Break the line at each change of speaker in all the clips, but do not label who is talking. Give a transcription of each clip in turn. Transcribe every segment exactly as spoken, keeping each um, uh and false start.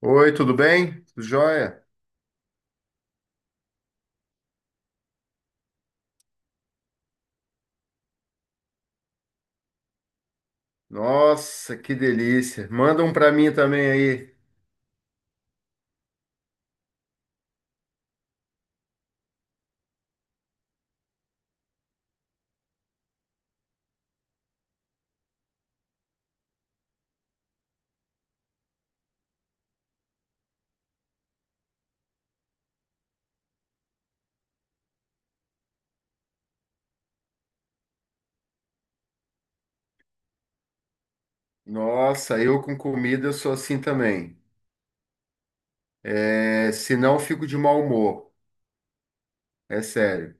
Oi, tudo bem? Tudo jóia? Nossa, que delícia. Manda um para mim também aí. Nossa, eu com comida eu sou assim também. É, senão eu fico de mau humor. É sério.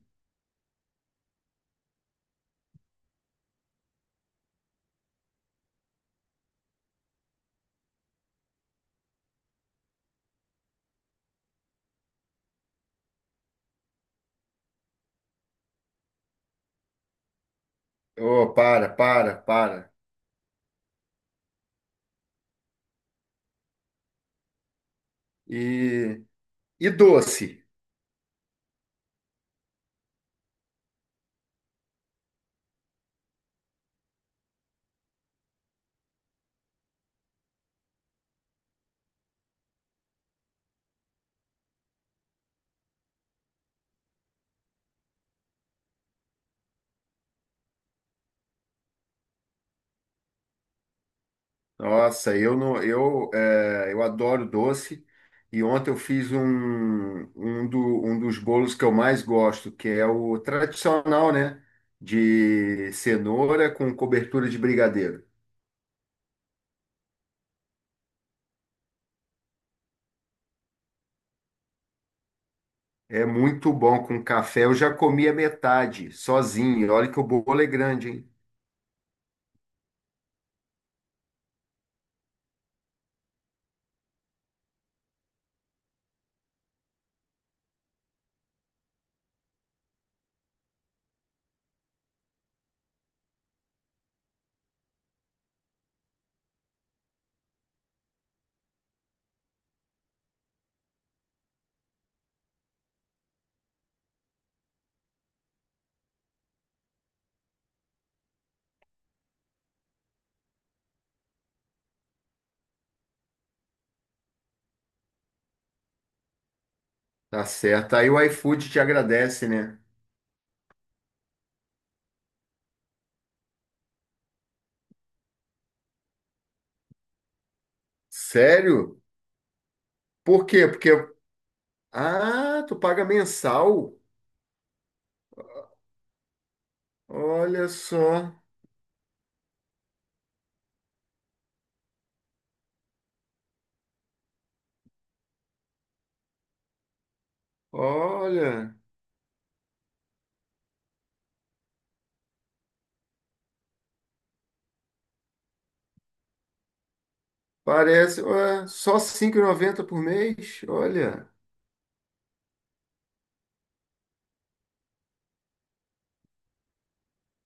Oh, para, para, para. E, e doce. Nossa, eu não, eu, é, eu adoro doce. E ontem eu fiz um, um, do- um dos bolos que eu mais gosto, que é o tradicional, né? De cenoura com cobertura de brigadeiro. É muito bom com café. Eu já comi a metade, sozinho. E olha que o bolo é grande, hein? Tá certo. Aí o iFood te agradece, né? Sério? Por quê? Porque. Ah, tu paga mensal? Olha só. Olha. Parece. Ué, só cinco reais e noventa por mês? Olha.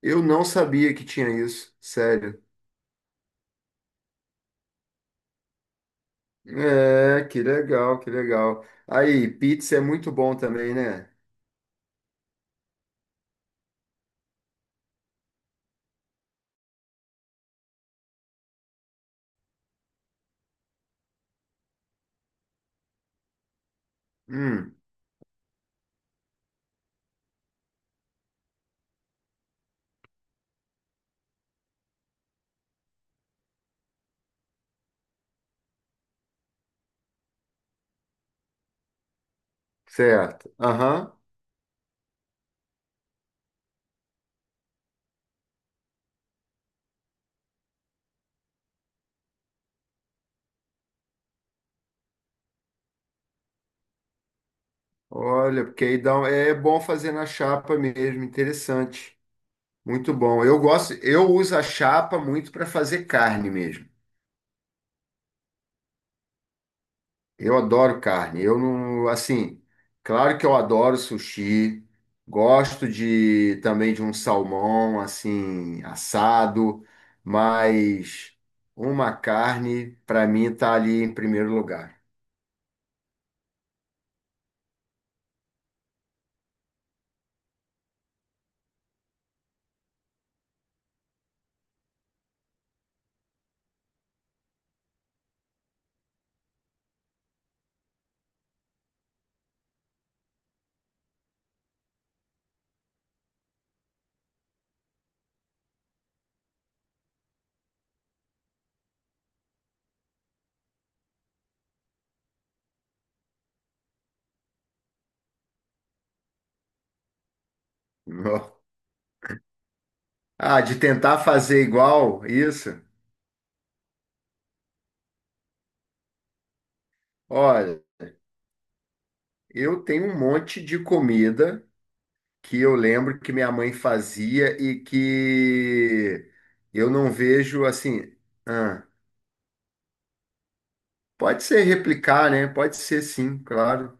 Eu não sabia que tinha isso. Sério. É, que legal, que legal. Aí, pizza é muito bom também, né? Hum, certo. Aham. Olha, porque aí dá, um- é bom fazer na chapa mesmo, interessante. Muito bom. Eu gosto, eu uso a chapa muito para fazer carne mesmo. Eu adoro carne. Eu não, assim, claro que eu adoro sushi. Gosto de também de um salmão assim assado, mas uma carne para mim tá ali em primeiro lugar. Ah, de tentar fazer igual isso? Olha, eu tenho um monte de comida que eu lembro que minha mãe fazia e que eu não vejo assim. Ah, pode ser replicar, né? Pode ser sim, claro.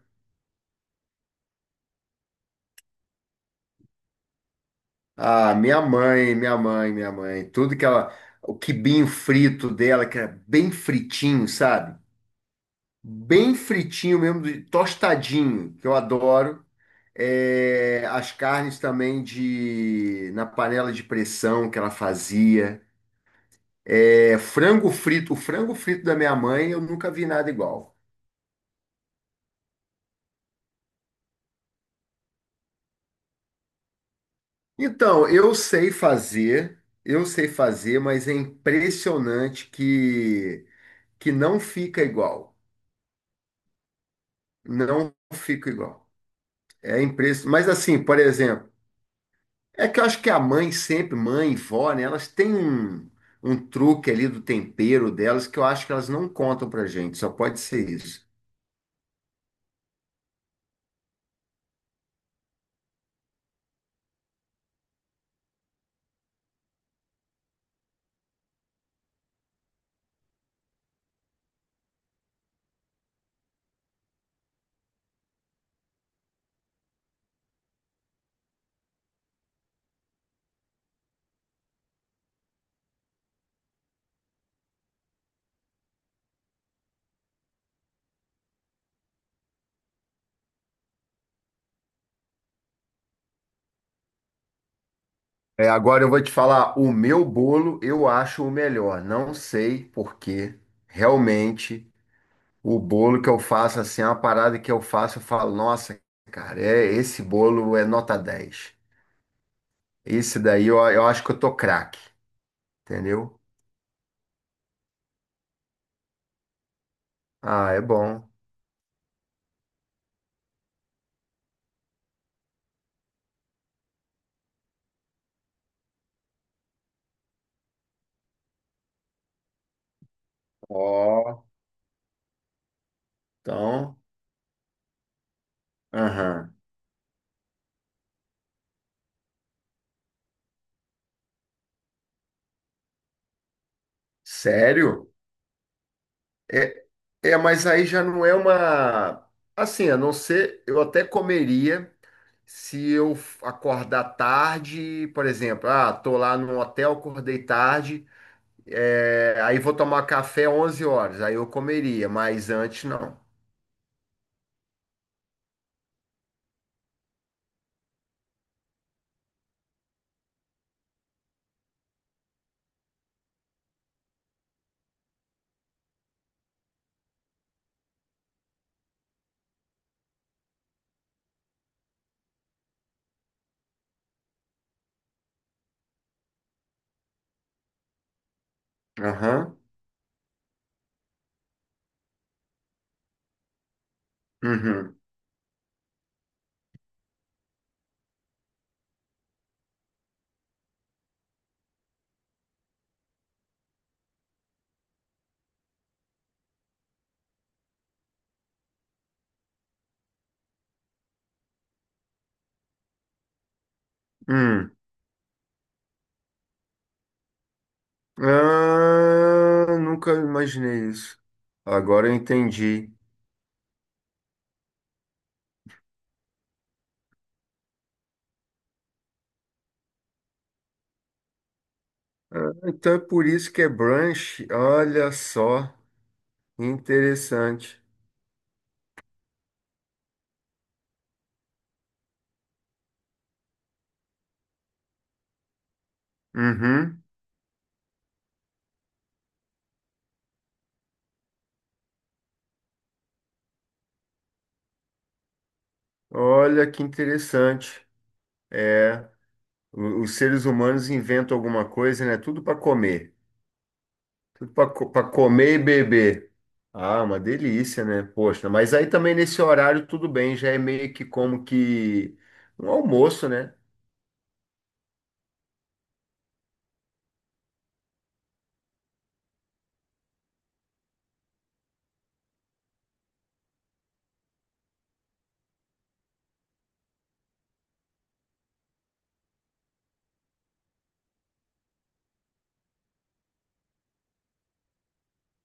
Ah, minha mãe, minha mãe, minha mãe, tudo que ela, o quibinho frito dela, que era bem fritinho, sabe? Bem fritinho mesmo, de- tostadinho, que eu adoro. É, as carnes também de na panela de pressão que ela fazia. É, frango frito, o frango frito da minha mãe, eu nunca vi nada igual. Então, eu sei fazer, eu sei fazer, mas é impressionante que que não fica igual. Não fica igual. É impressionante. Mas assim, por exemplo, é que eu acho que a mãe sempre, mãe e vó, né, elas têm um, um truque ali do tempero delas que eu acho que elas não contam pra gente, só pode ser isso. É, agora eu vou te falar, o meu bolo eu acho o melhor. Não sei porque realmente o bolo que eu faço assim, é uma parada que eu faço, eu falo, nossa, cara, é esse bolo é nota dez. Esse daí eu, eu acho que eu tô craque, entendeu? Ah, é bom. Ó, então, aham. Sério? É, é, mas aí já não é uma assim, a não ser eu até comeria. Se eu acordar tarde, por exemplo, ah, tô lá no hotel, acordei tarde, é, aí vou tomar café onze horas, aí eu comeria, mas antes não. Aham. Uhum. Hum. Ah, nunca imaginei isso. Agora eu entendi. Ah, então é por isso que é brunch. Olha só, interessante. Uhum. Olha que interessante. É, o- os seres humanos inventam alguma coisa, né? Tudo para comer. Tudo para comer e beber. Ah, uma delícia, né? Poxa, mas aí também nesse horário tudo bem, já é meio que como que um almoço, né?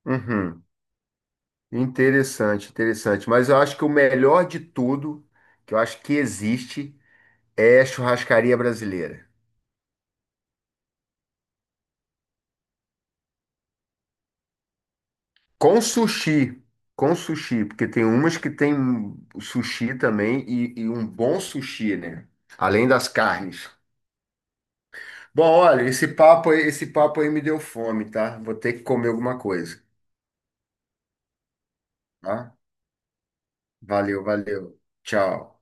Uhum. Interessante, interessante. Mas eu acho que o melhor de tudo, que eu acho que existe, é a churrascaria brasileira. Com sushi, com sushi, porque tem umas que tem sushi também e, e um bom sushi, né? Além das carnes. Bom, olha, esse papo, aí- esse papo aí me deu fome, tá? Vou ter que comer alguma coisa, tá? Valeu, valeu. Tchau.